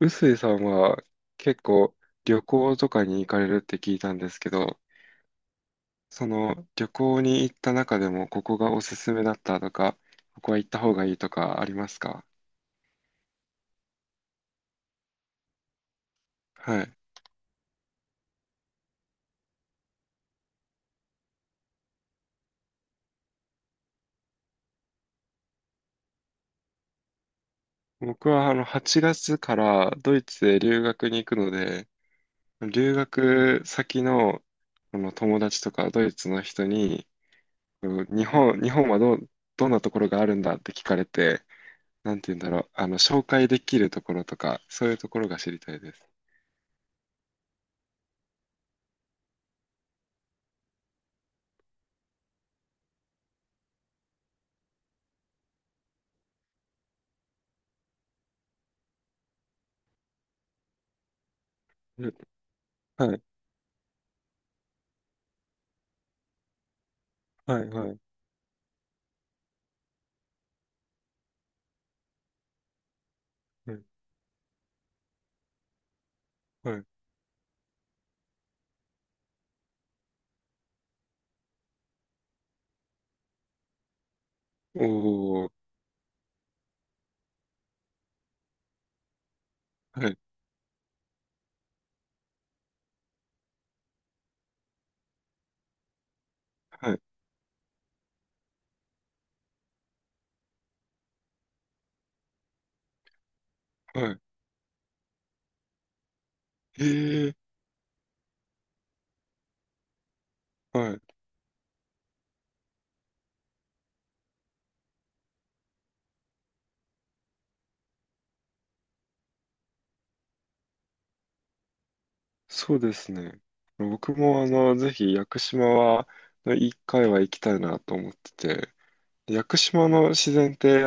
臼井さんは結構旅行とかに行かれるって聞いたんですけど、その旅行に行った中でもここがおすすめだったとか、ここは行った方がいいとかありますか？はい。僕は8月からドイツへ留学に行くので、留学先の、友達とかドイツの人に、うん日本、日本はどう、どんなところがあるんだって聞かれて、なんて言うんだろう、紹介できるところとか、そういうところが知りたいです。うん。はい、はい、はい、はい。おー、はい、はい、はい。へえ、はい。そうですね。僕も、ぜひ、屋久島は、一回は行きたいなと思ってて、屋久島の自然って、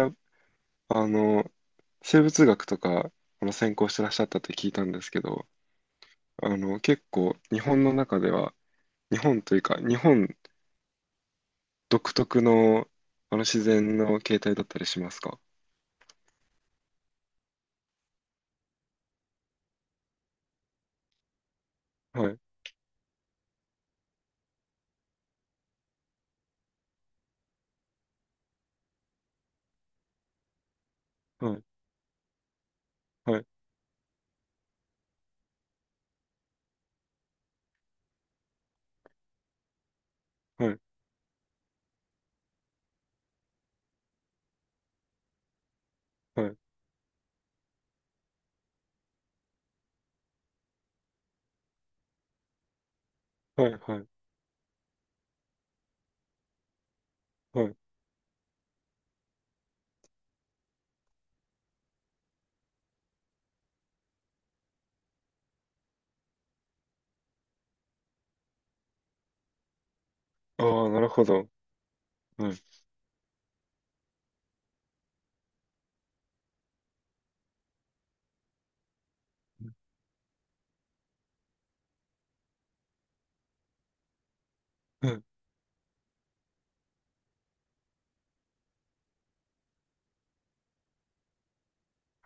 あの、生物学とか、専攻してらっしゃったって聞いたんですけど、結構、日本の中では、日本というか、日本独特の、自然の形態だったりしますか？はい、はい、はい、はい、はい、はい、はい。はい。ああ、なるほど。はい。うん、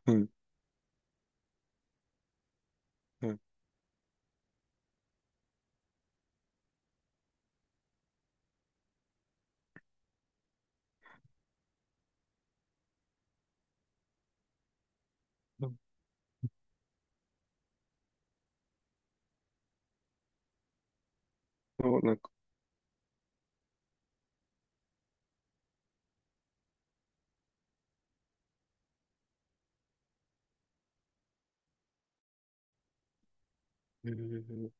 うん、うん。そうなんか、えー、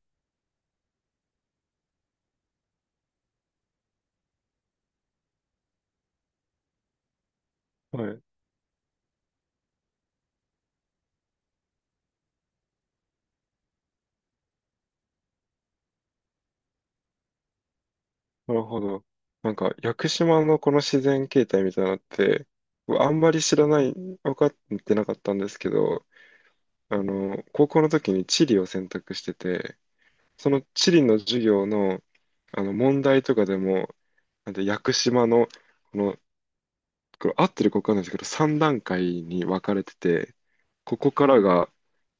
はい。なるほど。なんか、屋久島のこの自然形態みたいなのって、僕あんまり知らない、分かってなかったんですけど、高校の時に地理を選択してて、その地理の授業の、問題とかでも、なんで屋久島の、この、これ合ってるか分かんないですけど、3段階に分かれてて、ここからが、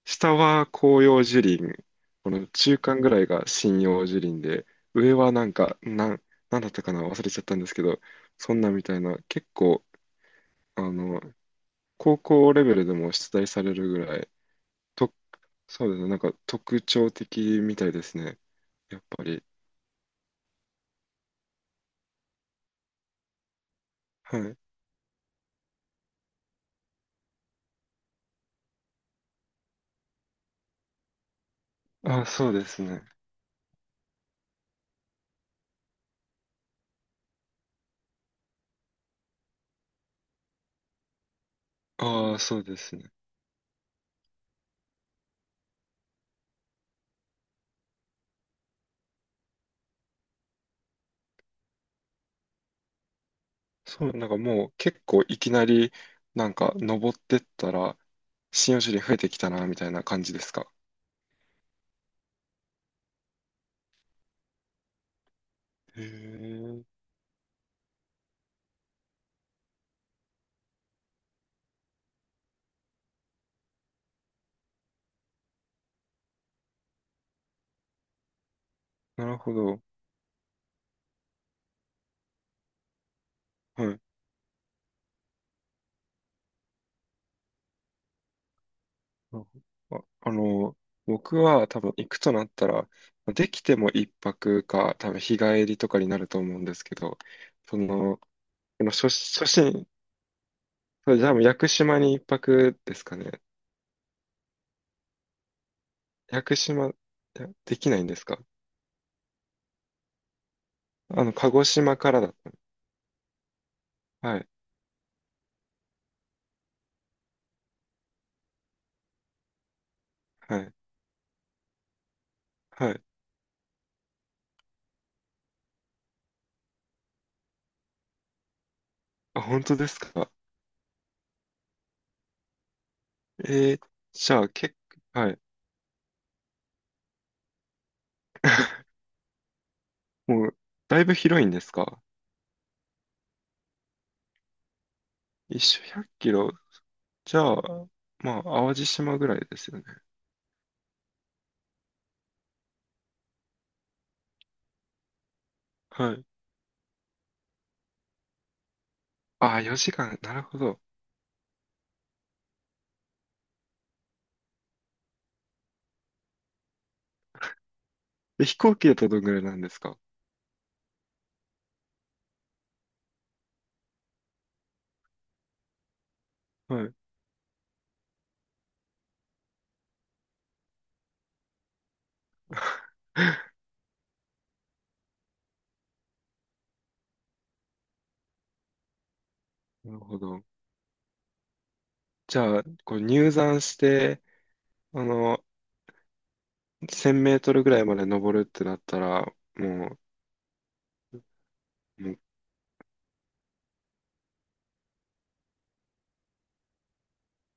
下は広葉樹林、この中間ぐらいが針葉樹林で、上はなんか、なん、なんだったかな、忘れちゃったんですけど、そんなみたいな、結構、あの、高校レベルでも出題されるぐらい、と、そうですね、なんか特徴的みたいですね、やっぱり。はい。あ、そうですね。ああ、そうですね。そう、なんかもう結構いきなり、なんか登ってったら、針葉樹林増えてきたな、みたいな感じですか？へえ、なるほど。はい。あ、あの、僕は多分行くとなったら、できても一泊か、多分日帰りとかになると思うんですけど、その、あの初、初心、それじゃあもう屋久島に一泊ですかね？屋久島、いやできないんですか？鹿児島からだった。はい、はい、はい。あ、本当ですか？えー、じゃあ結構、はい。もう、だいぶ広いんですか？一周100キロ。じゃあ、まあ、淡路島ぐらいですよね。はい。ああ、4時間。なるほど。え飛行機だとどんぐらいなんですか？はい。なるほど。じゃあ、こう入山して、あの、1000メートルぐらいまで登るってなったら、もう、もう、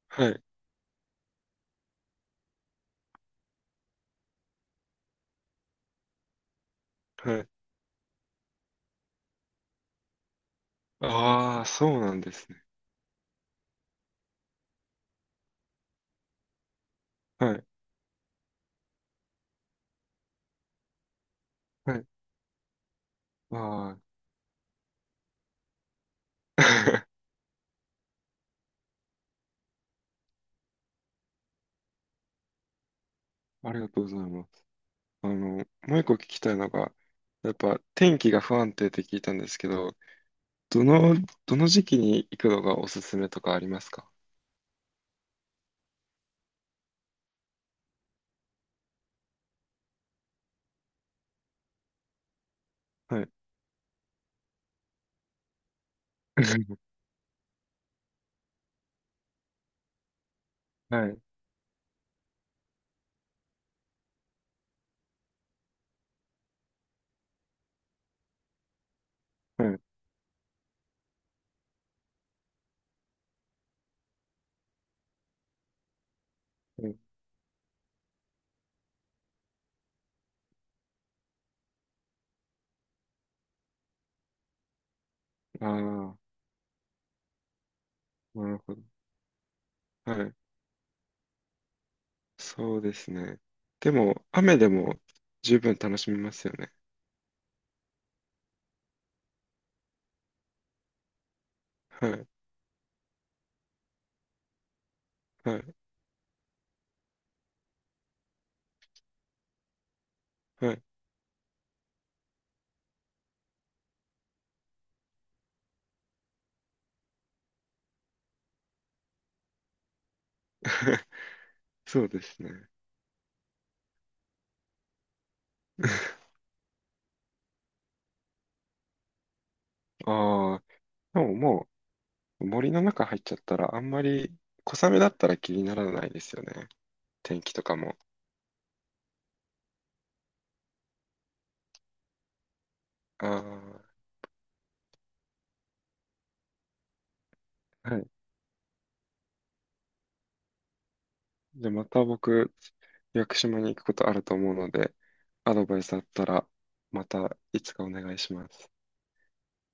はい、はい。ああ、そうなんですね。はい、はい。ああ、ありがとうございます。あの、もう一個聞きたいのが、やっぱ天気が不安定って聞いたんですけど、どの、どの時期に行くのがおすすめとかありますか？はい。はい、はい。うん、ああ、なるほど。はい。そうですね。でも、雨でも十分楽しみますよね。はい。はい。はい。そうですね。ああ、でももう森の中入っちゃったら、あんまり小雨だったら気にならないですよね。天気とかも。ああ、はい。じゃあまた僕、屋久島に行くことあると思うので、アドバイスあったら、またいつかお願いします。